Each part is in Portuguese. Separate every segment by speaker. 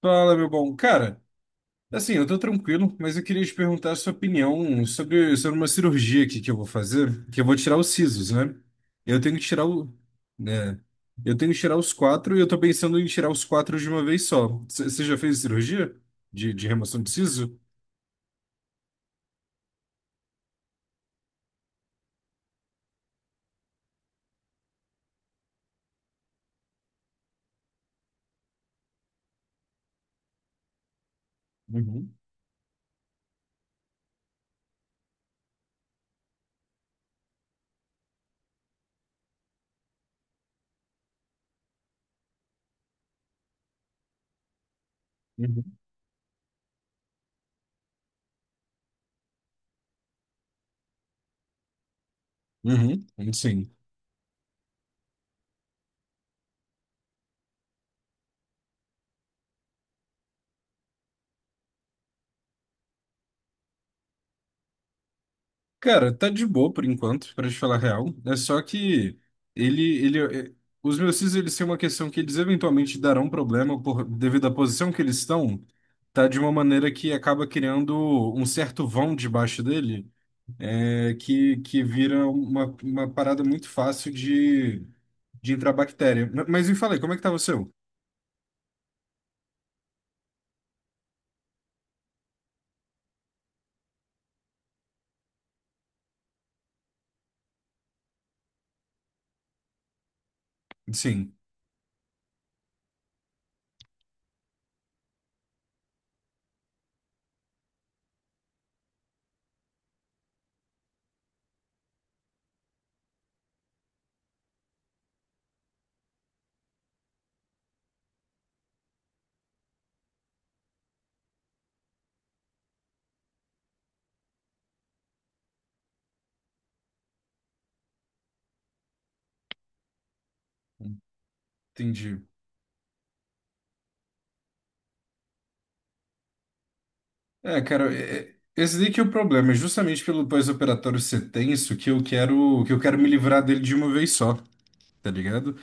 Speaker 1: Fala, meu bom. Cara, assim, eu tô tranquilo, mas eu queria te perguntar a sua opinião sobre uma cirurgia aqui que eu vou fazer, que eu vou tirar os sisos, né? Eu tenho que tirar o, né? Eu tenho que tirar os quatro e eu tô pensando em tirar os quatro de uma vez só. Você já fez cirurgia de remoção de siso? Uhum, uhum. Uhum, sim. Cara, tá de boa por enquanto, pra te falar a real. É só que ele, é- os meus cis, eles têm uma questão que eles eventualmente darão problema por devido à posição que eles estão, tá de uma maneira que acaba criando um certo vão debaixo dele, que vira uma parada muito fácil de entrar bactéria. Mas me falei, como é que tá o seu? Sim, entendi. É, cara, esse daí que é o problema, é justamente pelo pós-operatório ser tenso que eu quero me livrar dele de uma vez só, tá ligado?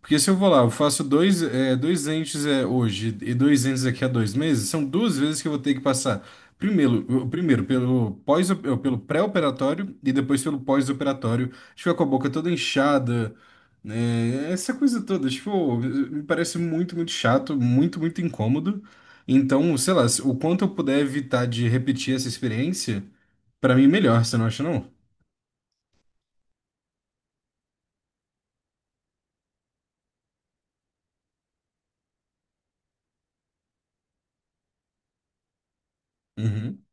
Speaker 1: Porque se eu vou lá, eu faço dois, é, dois entes é, hoje e dois entes daqui a dois meses, são duas vezes que eu vou ter que passar. Primeiro, primeiro pelo pós, pelo pré-operatório e depois pelo pós-operatório. Ficar com a boca toda inchada, né? Essa coisa toda, tipo, me parece muito, muito chato, muito, muito incômodo. Então, sei lá, o quanto eu puder evitar de repetir essa experiência, pra mim é melhor, você não acha, não? Uhum,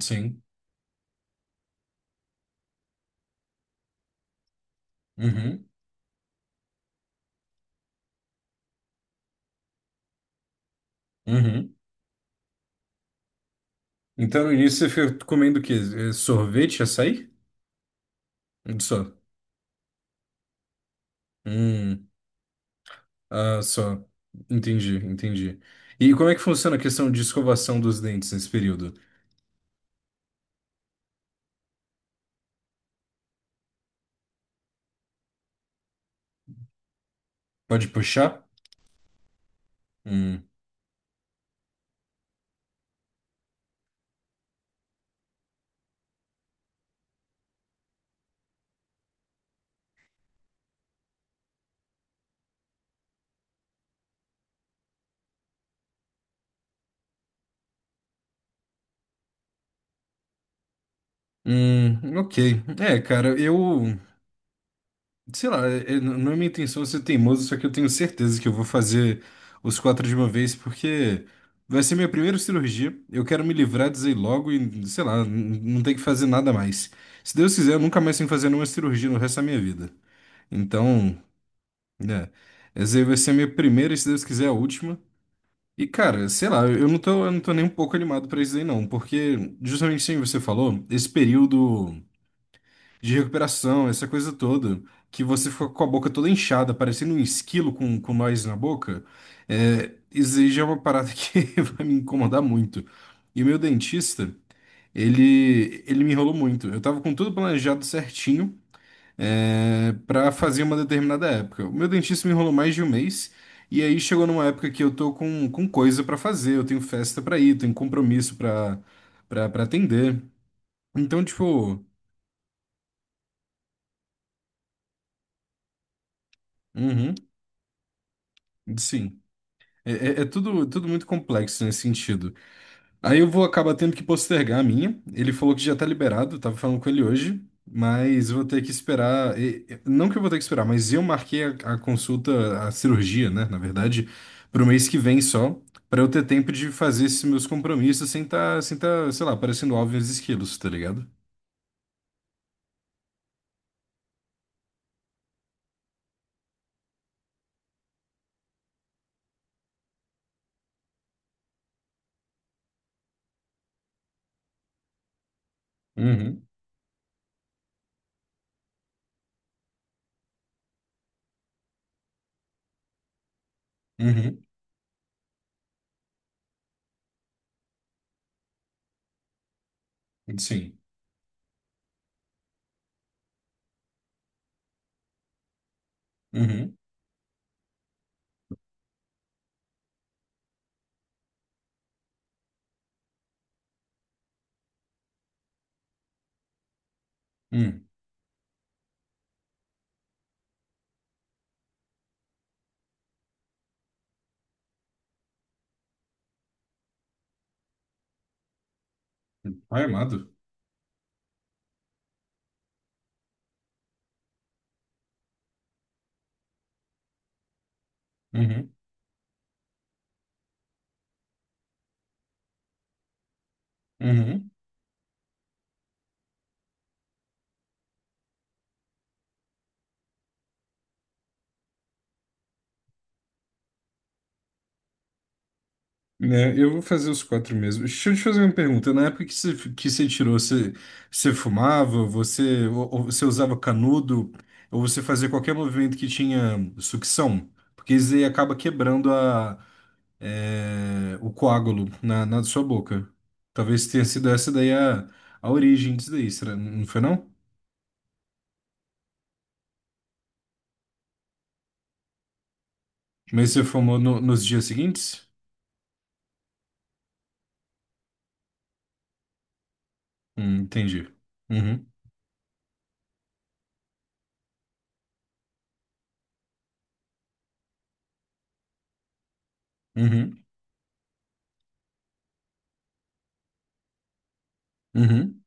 Speaker 1: sim. Uhum, uhum. Então, no início, você fica comendo o quê? Sorvete, açaí? Um só. Hum, ah, só. Entendi, entendi. E como é que funciona a questão de escovação dos dentes nesse período? Pode puxar? Hum, ok. É, cara, eu... Sei lá, não é minha intenção ser teimoso, só que eu tenho certeza que eu vou fazer os quatro de uma vez, porque vai ser minha primeira cirurgia. Eu quero me livrar disso aí logo e, sei lá, não tem que fazer nada mais. Se Deus quiser, eu nunca mais tenho que fazer nenhuma cirurgia no resto da minha vida. Então, né, essa aí vai ser a minha primeira, e se Deus quiser, a última. E, cara, sei lá, eu não tô nem um pouco animado pra isso aí, não, porque, justamente assim você falou, esse período de recuperação, essa coisa toda, que você fica com a boca toda inchada, parecendo um esquilo com nós na boca, é, isso aí já é uma parada que vai me incomodar muito. E o meu dentista, ele me enrolou muito. Eu tava com tudo planejado certinho para fazer uma determinada época. O meu dentista me enrolou mais de um mês, e aí chegou numa época que eu tô com coisa pra fazer, eu tenho festa pra ir, tenho compromisso pra para atender. Então, tipo, uhum, sim. É, é tudo, tudo muito complexo nesse sentido. Aí eu vou acabar tendo que postergar a minha. Ele falou que já tá liberado, eu tava falando com ele hoje, mas eu vou ter que esperar. Não que eu vou ter que esperar, mas eu marquei a consulta, a cirurgia, né, na verdade, pro mês que vem só, pra eu ter tempo de fazer esses meus compromissos sem tá, sem tá, sei lá, parecendo alvo e os esquilos, tá ligado? Uhum, uhum, sim. Uhum, uhum. Ai, amado. Uhum, uhum. Né, eu vou fazer os quatro mesmo. Deixa eu te fazer uma pergunta. Na época que você tirou, você, você fumava, você, ou você usava canudo, ou você fazia qualquer movimento que tinha sucção? Porque isso aí acaba quebrando o coágulo na sua boca. Talvez tenha sido essa daí a origem disso daí, será? Não foi não? Mas você fumou nos dias seguintes? Entendi. Uhum, uhum, uhum,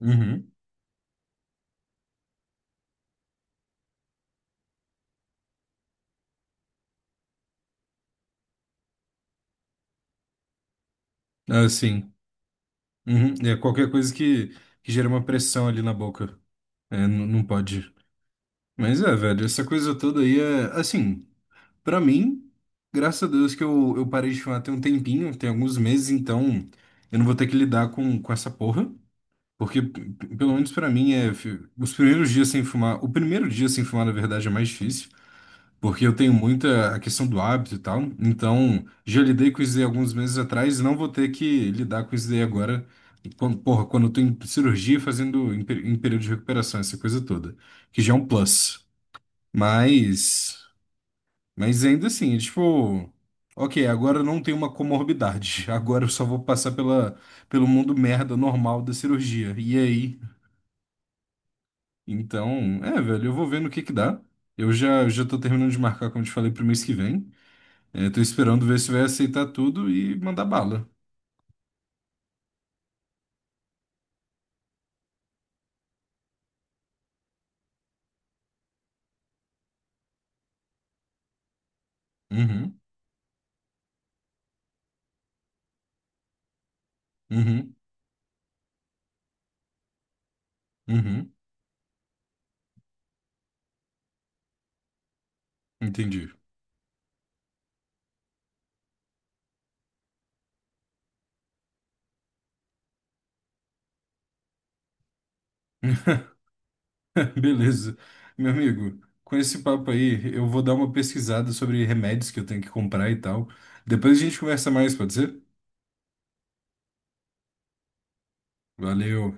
Speaker 1: uhum. Ah, sim. Uhum, é qualquer coisa que gera uma pressão ali na boca. É, não pode. Mas é, velho, essa coisa toda aí é. Assim, pra mim, graças a Deus que eu parei de fumar tem um tempinho, tem alguns meses, então eu não vou ter que lidar com essa porra. Porque, pelo menos pra mim, é. Os primeiros dias sem fumar. O primeiro dia sem fumar, na verdade, é mais difícil. Porque eu tenho muita a questão do hábito e tal. Então, já lidei com isso daí alguns meses atrás e não vou ter que lidar com isso daí agora. Quando, porra, quando eu tô em cirurgia fazendo em, em período de recuperação, essa coisa toda. Que já é um plus. Mas, mas ainda assim, é tipo, ok, agora eu não tenho uma comorbidade. Agora eu só vou passar pela, pelo mundo merda normal da cirurgia. E aí? Então, é, velho, eu vou vendo o que que dá. Eu já, já tô terminando de marcar, como eu te falei, pro mês que vem. É, tô esperando ver se vai aceitar tudo e mandar bala. Uhum, uhum, uhum, entendi. Beleza. Meu amigo, com esse papo aí, eu vou dar uma pesquisada sobre remédios que eu tenho que comprar e tal. Depois a gente conversa mais, pode ser? Valeu.